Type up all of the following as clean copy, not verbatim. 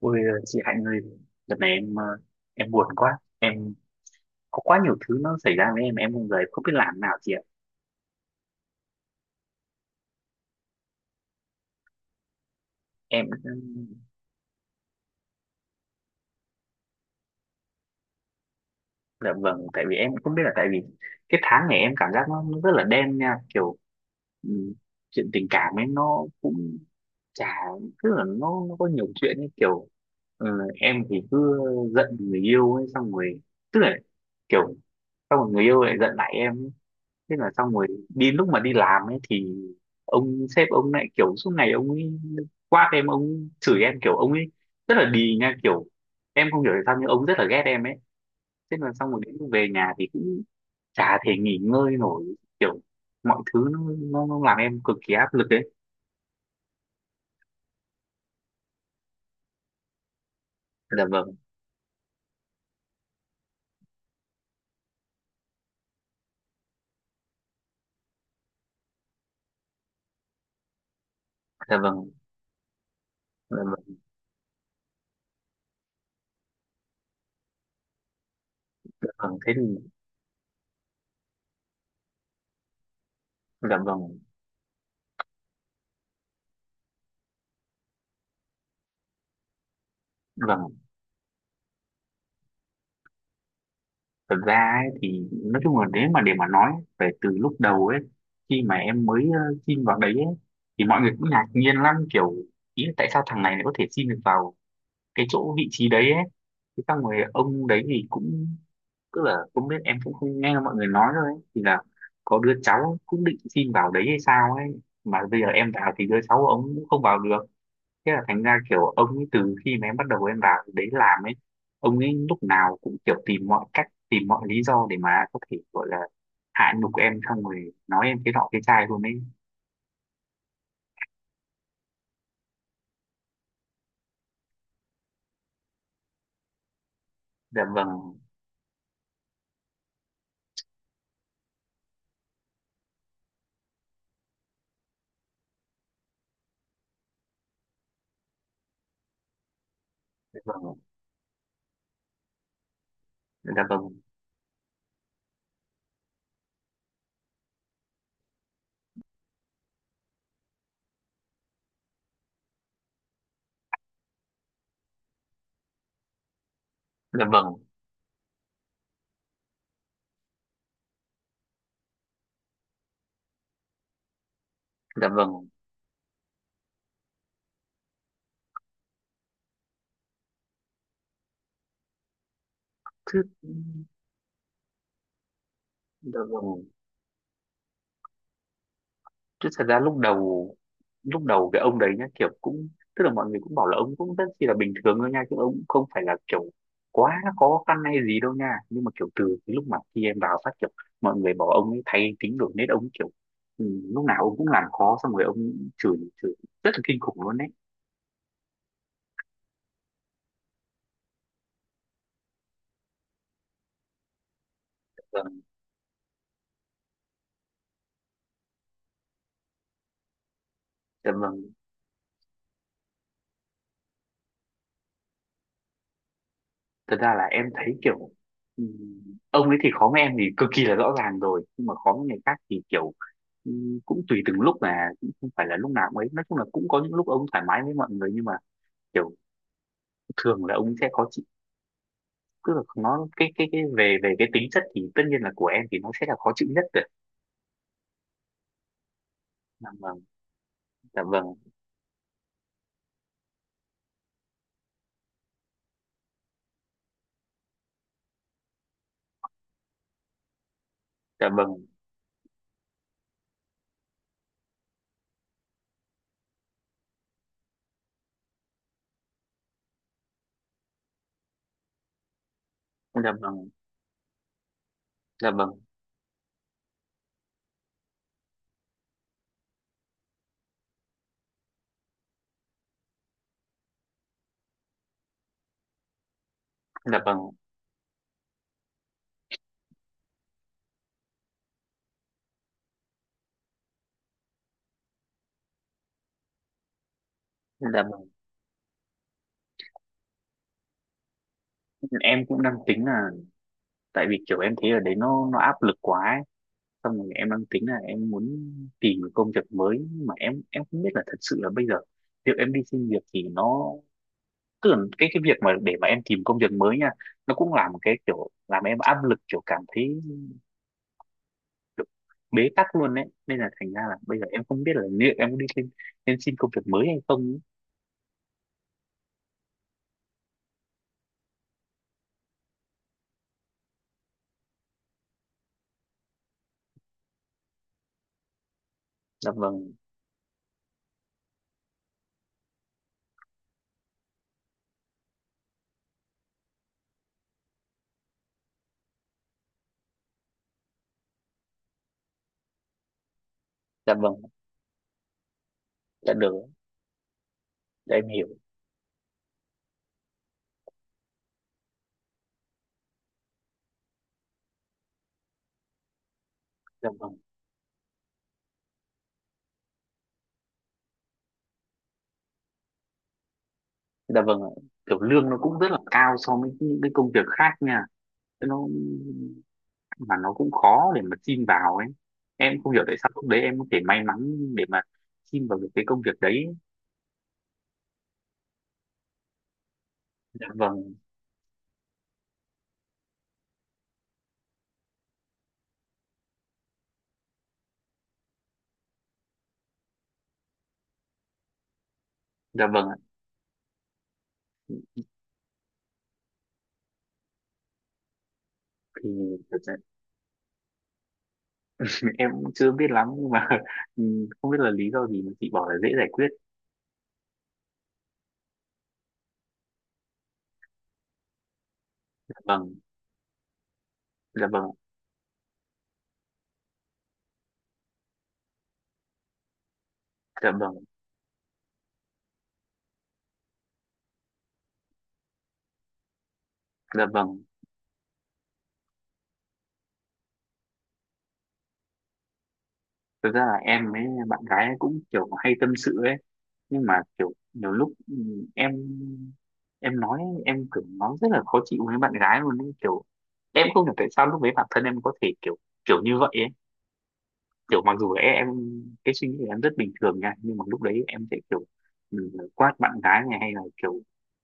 Ôi chị Hạnh ơi, đợt này em em buồn quá, em có quá nhiều thứ nó xảy ra với em không giờ em không biết làm nào chị ạ. Em ừm, dạ vâng, tại vì em cũng không biết là tại vì cái tháng này em cảm giác nó rất là đen nha, kiểu ừm, chuyện tình cảm ấy nó cũng chả tức là nó có nhiều chuyện ấy kiểu ờ, em thì cứ giận người yêu ấy xong rồi tức là kiểu xong rồi người yêu lại giận lại em. Thế là xong rồi đi lúc mà đi làm ấy thì ông sếp ông lại kiểu suốt ngày ông ấy quát em, ông chửi em, kiểu ông ấy rất là đì nha, kiểu em không hiểu tại sao nhưng ông rất là ghét em ấy. Thế là xong rồi đến lúc về nhà thì cũng chả thể nghỉ ngơi nổi, kiểu mọi thứ nó làm em cực kỳ áp lực đấy. Dạ vâng. Dạ vâng. Dạ vâng. Dạ vâng, thế thì dạ vâng. Vâng, thật ra ấy, thì nói chung là nếu mà để mà nói về từ lúc đầu ấy, khi mà em mới xin vào đấy ấy, thì mọi người cũng ngạc nhiên lắm, kiểu ý là tại sao thằng này lại có thể xin được vào cái chỗ vị trí đấy ấy. Thế xong rồi ông đấy thì cũng tức là không biết, em cũng không nghe mọi người nói thôi ấy, thì là có đứa cháu cũng định xin vào đấy hay sao ấy mà bây giờ em vào thì đứa cháu của ông cũng không vào được. Thế là thành ra kiểu ông ấy từ khi mà em bắt đầu em vào đấy làm ấy, ông ấy lúc nào cũng kiểu tìm mọi cách, tìm mọi lý do để mà có thể gọi là hạ nhục em, xong rồi nói em cái nọ cái chai luôn ấy. Dạ vâng. Dạ vâng. Dạ vâng. Dạ vâng. Dạ vâng. Chứ. Dạ vâng. Chứ thật ra lúc đầu, lúc đầu cái ông đấy nhá kiểu cũng tức là mọi người cũng bảo là ông cũng rất chi là bình thường thôi nha, chứ ông cũng không phải là kiểu quá khó khăn hay gì đâu nha, nhưng mà kiểu từ cái lúc mà khi em vào phát kiểu mọi người bảo ông ấy thay tính đổi nết, ông kiểu ừ, lúc nào ông cũng làm khó, xong rồi ông chửi chửi rất là kinh khủng luôn đấy. Vâng. Dạ vâng, thật ra là em thấy kiểu ông ấy thì khó với em thì cực kỳ là rõ ràng rồi, nhưng mà khó với người khác thì kiểu cũng tùy từng lúc mà cũng không phải là lúc nào cũng ấy, nói chung là cũng có những lúc ông thoải mái với mọi người, nhưng mà kiểu thường là ông sẽ khó chịu. Cứ là nó cái về về cái tính chất thì tất nhiên là của em thì nó sẽ là khó chịu nhất rồi. Dạ vâng. Dạ vâng. Dạ vâng. Dạ vâng. Dạ vâng. Dạ vâng. Dạ vâng, em cũng đang tính là tại vì kiểu em thấy ở đấy nó áp lực quá ấy. Xong rồi em đang tính là em muốn tìm một công việc mới, nhưng mà em không biết là thật sự là bây giờ việc em đi xin việc thì nó tức là cái việc mà để mà em tìm công việc mới nha, nó cũng là một cái kiểu làm em áp lực, kiểu cảm thấy kiểu bế tắc luôn đấy, nên là thành ra là bây giờ em không biết là liệu em có đi xin em xin công việc mới hay không ấy. Dạ vâng. Dạ vâng. Dạ được. Dạ em hiểu. Dạ vâng. Dạ vâng ạ. Kiểu lương nó cũng rất là cao so với những cái công việc khác nha. Thế nó mà nó cũng khó để mà xin vào ấy, em không hiểu tại sao lúc đấy em có thể may mắn để mà xin vào được cái công việc đấy. Dạ vâng. Dạ vâng ạ. Thì thật ra em cũng chưa biết lắm nhưng mà ừ, không biết là lý do gì mà chị bảo là dễ giải quyết. Dạ vâng. Dạ vâng. Dạ vâng. Dạ vâng, thực ra là em với bạn gái ấy cũng kiểu hay tâm sự ấy, nhưng mà kiểu nhiều lúc em em nói em kiểu nói rất là khó chịu với bạn gái luôn ấy, kiểu em không hiểu tại sao lúc đấy bản thân em có thể kiểu kiểu như vậy ấy, kiểu mặc dù em cái suy nghĩ của em rất bình thường nha, nhưng mà lúc đấy em sẽ kiểu quát bạn gái này hay là kiểu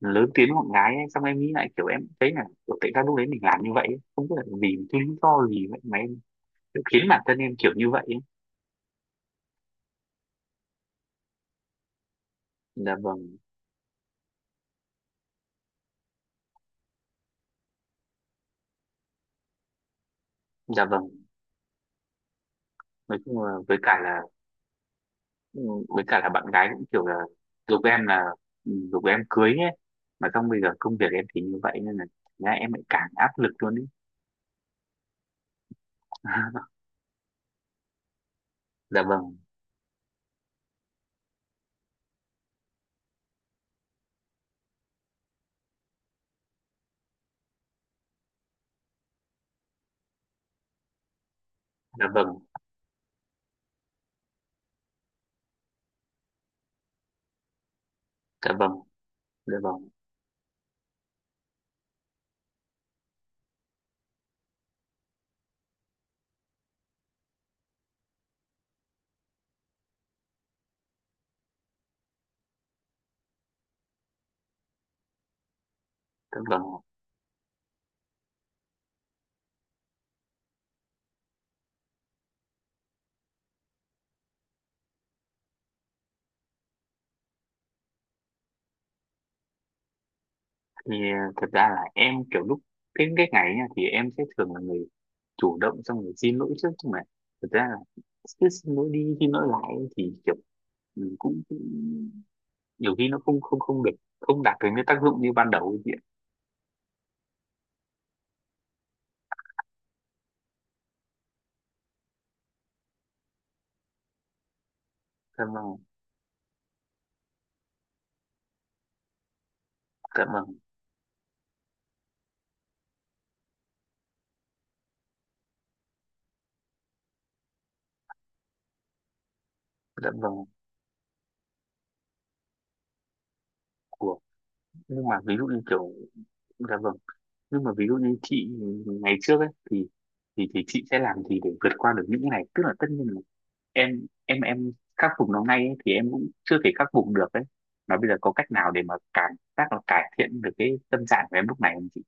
lớn tiếng bạn gái ấy. Xong em nghĩ lại kiểu em thấy là kiểu, tại sao lúc đấy mình làm như vậy ấy? Không biết là vì cái lý do gì vậy mà em kiểu khiến bản thân em kiểu như vậy ấy. Dạ vâng. Dạ vâng, nói chung là với cả là ừ, với cả là bạn gái cũng kiểu là giục em là giục em cưới ấy, mà xong bây giờ công việc em thì như vậy nên là thành ra em lại càng áp lực luôn ấy. Dạ vâng. Dạ vâng. Dạ vâng. Dạ vâng. Tức là thì thật ra là em kiểu lúc cái ngày ấy nha thì em sẽ thường là người chủ động xong rồi xin lỗi trước, nhưng mà thật ra là cứ xin lỗi đi xin lỗi lại ấy thì kiểu mình cũng cũng- nhiều khi nó không không không được, không đạt được cái tác dụng như ban đầu ấy chị ạ. Dạ vâng. Dạ vâng. Dạ vâng. Của. Nhưng mà ví dụ như kiểu dạ vâng, nhưng mà ví dụ như chị ngày trước ấy thì thì chị sẽ làm gì để vượt qua được những cái này, tức là tất nhiên em khắc phục nó ngay ấy, thì em cũng chưa thể khắc phục được đấy, mà bây giờ có cách nào để mà cảm giác là cải thiện được cái tâm trạng của em lúc này không chị?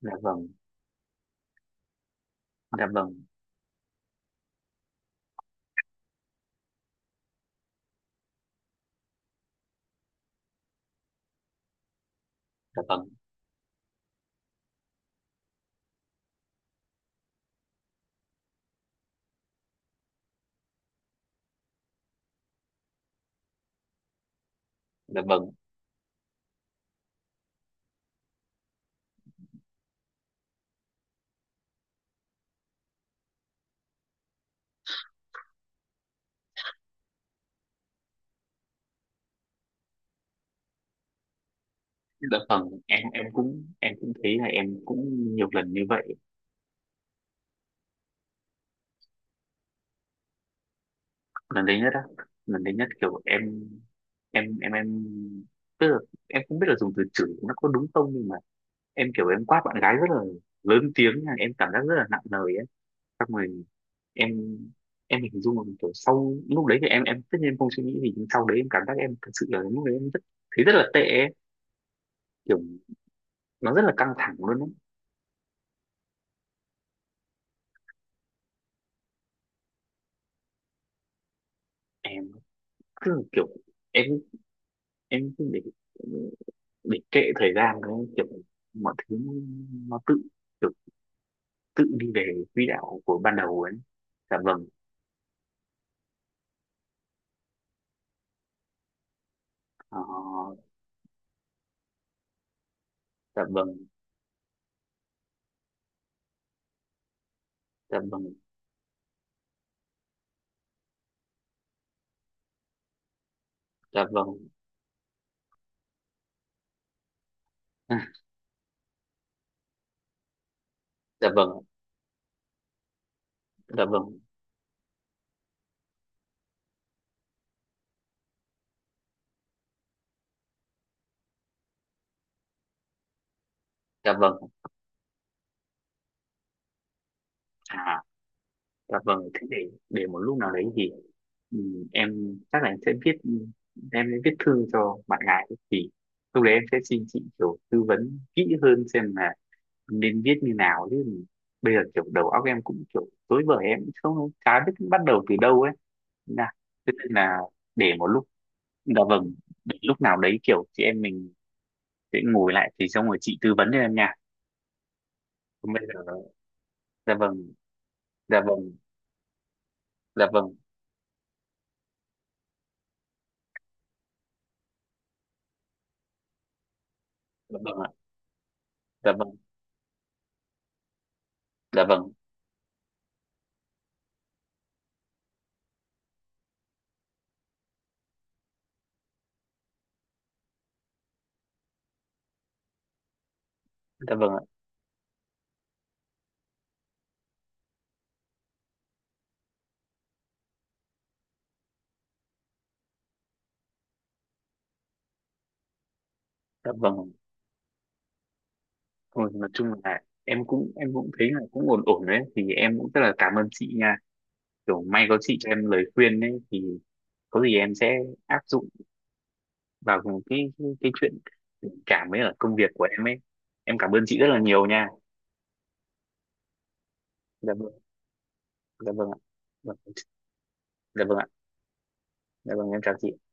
Dạ vâng. Dạ vâng. Dạ vâng. Dạ vâng. Dạ vâng, em cũng thấy là em cũng nhiều lần như vậy. Lần đấy nhất á, lần đấy nhất kiểu em em tức là em không biết là dùng từ chửi nó có đúng không, nhưng mà em kiểu em quát bạn gái rất là lớn tiếng nha, em cảm giác rất là nặng lời ấy. Xong rồi em em hình dung là kiểu sau lúc đấy thì em tất nhiên em không suy nghĩ gì, nhưng sau đấy em cảm giác em thật sự là lúc đấy em rất thấy rất là tệ ấy. Kiểu nó rất là căng thẳng luôn đấy. Em cứ kiểu em cứ để kệ thời gian đấy, kiểu mọi thứ nó tự kiểu tự đi về quỹ đạo của ban đầu ấy. Dạ vâng. ờ, dạ vâng. Dạ vâng. Dạ vâng. Dạ vâng. Dạ vâng. Dạ vâng. À. Dạ vâng, thế để một lúc nào đấy thì ừ, em chắc là em sẽ viết, em sẽ viết thư cho bạn gái ấy. Thì lúc đấy em sẽ xin chị kiểu tư vấn kỹ hơn xem là nên viết như nào, chứ bây giờ kiểu đầu óc em cũng kiểu rối bời, em cũng không chả biết bắt đầu từ đâu ấy. Thế là thế nên là để một lúc dạ vâng để lúc nào đấy kiểu chị em mình sẽ ngồi lại thì xong rồi chị tư vấn cho em nha. Còn bây giờ dạ vâng. Dạ vâng. Dạ vâng. Dạ vâng ạ. Dạ vâng. Dạ vâng. Dạ vâng ạ. Dạ vâng. Thôi nói chung là em cũng thấy là cũng ổn ổn đấy, thì em cũng rất là cảm ơn chị nha, kiểu may có chị cho em lời khuyên đấy thì có gì em sẽ áp dụng vào cái chuyện tình cảm với ở công việc của em ấy, em cảm ơn chị rất là nhiều nha. Dạ vâng. Dạ vâng ạ. Dạ Vâng. Dạ vâng ạ. Dạ vâng em chào chị.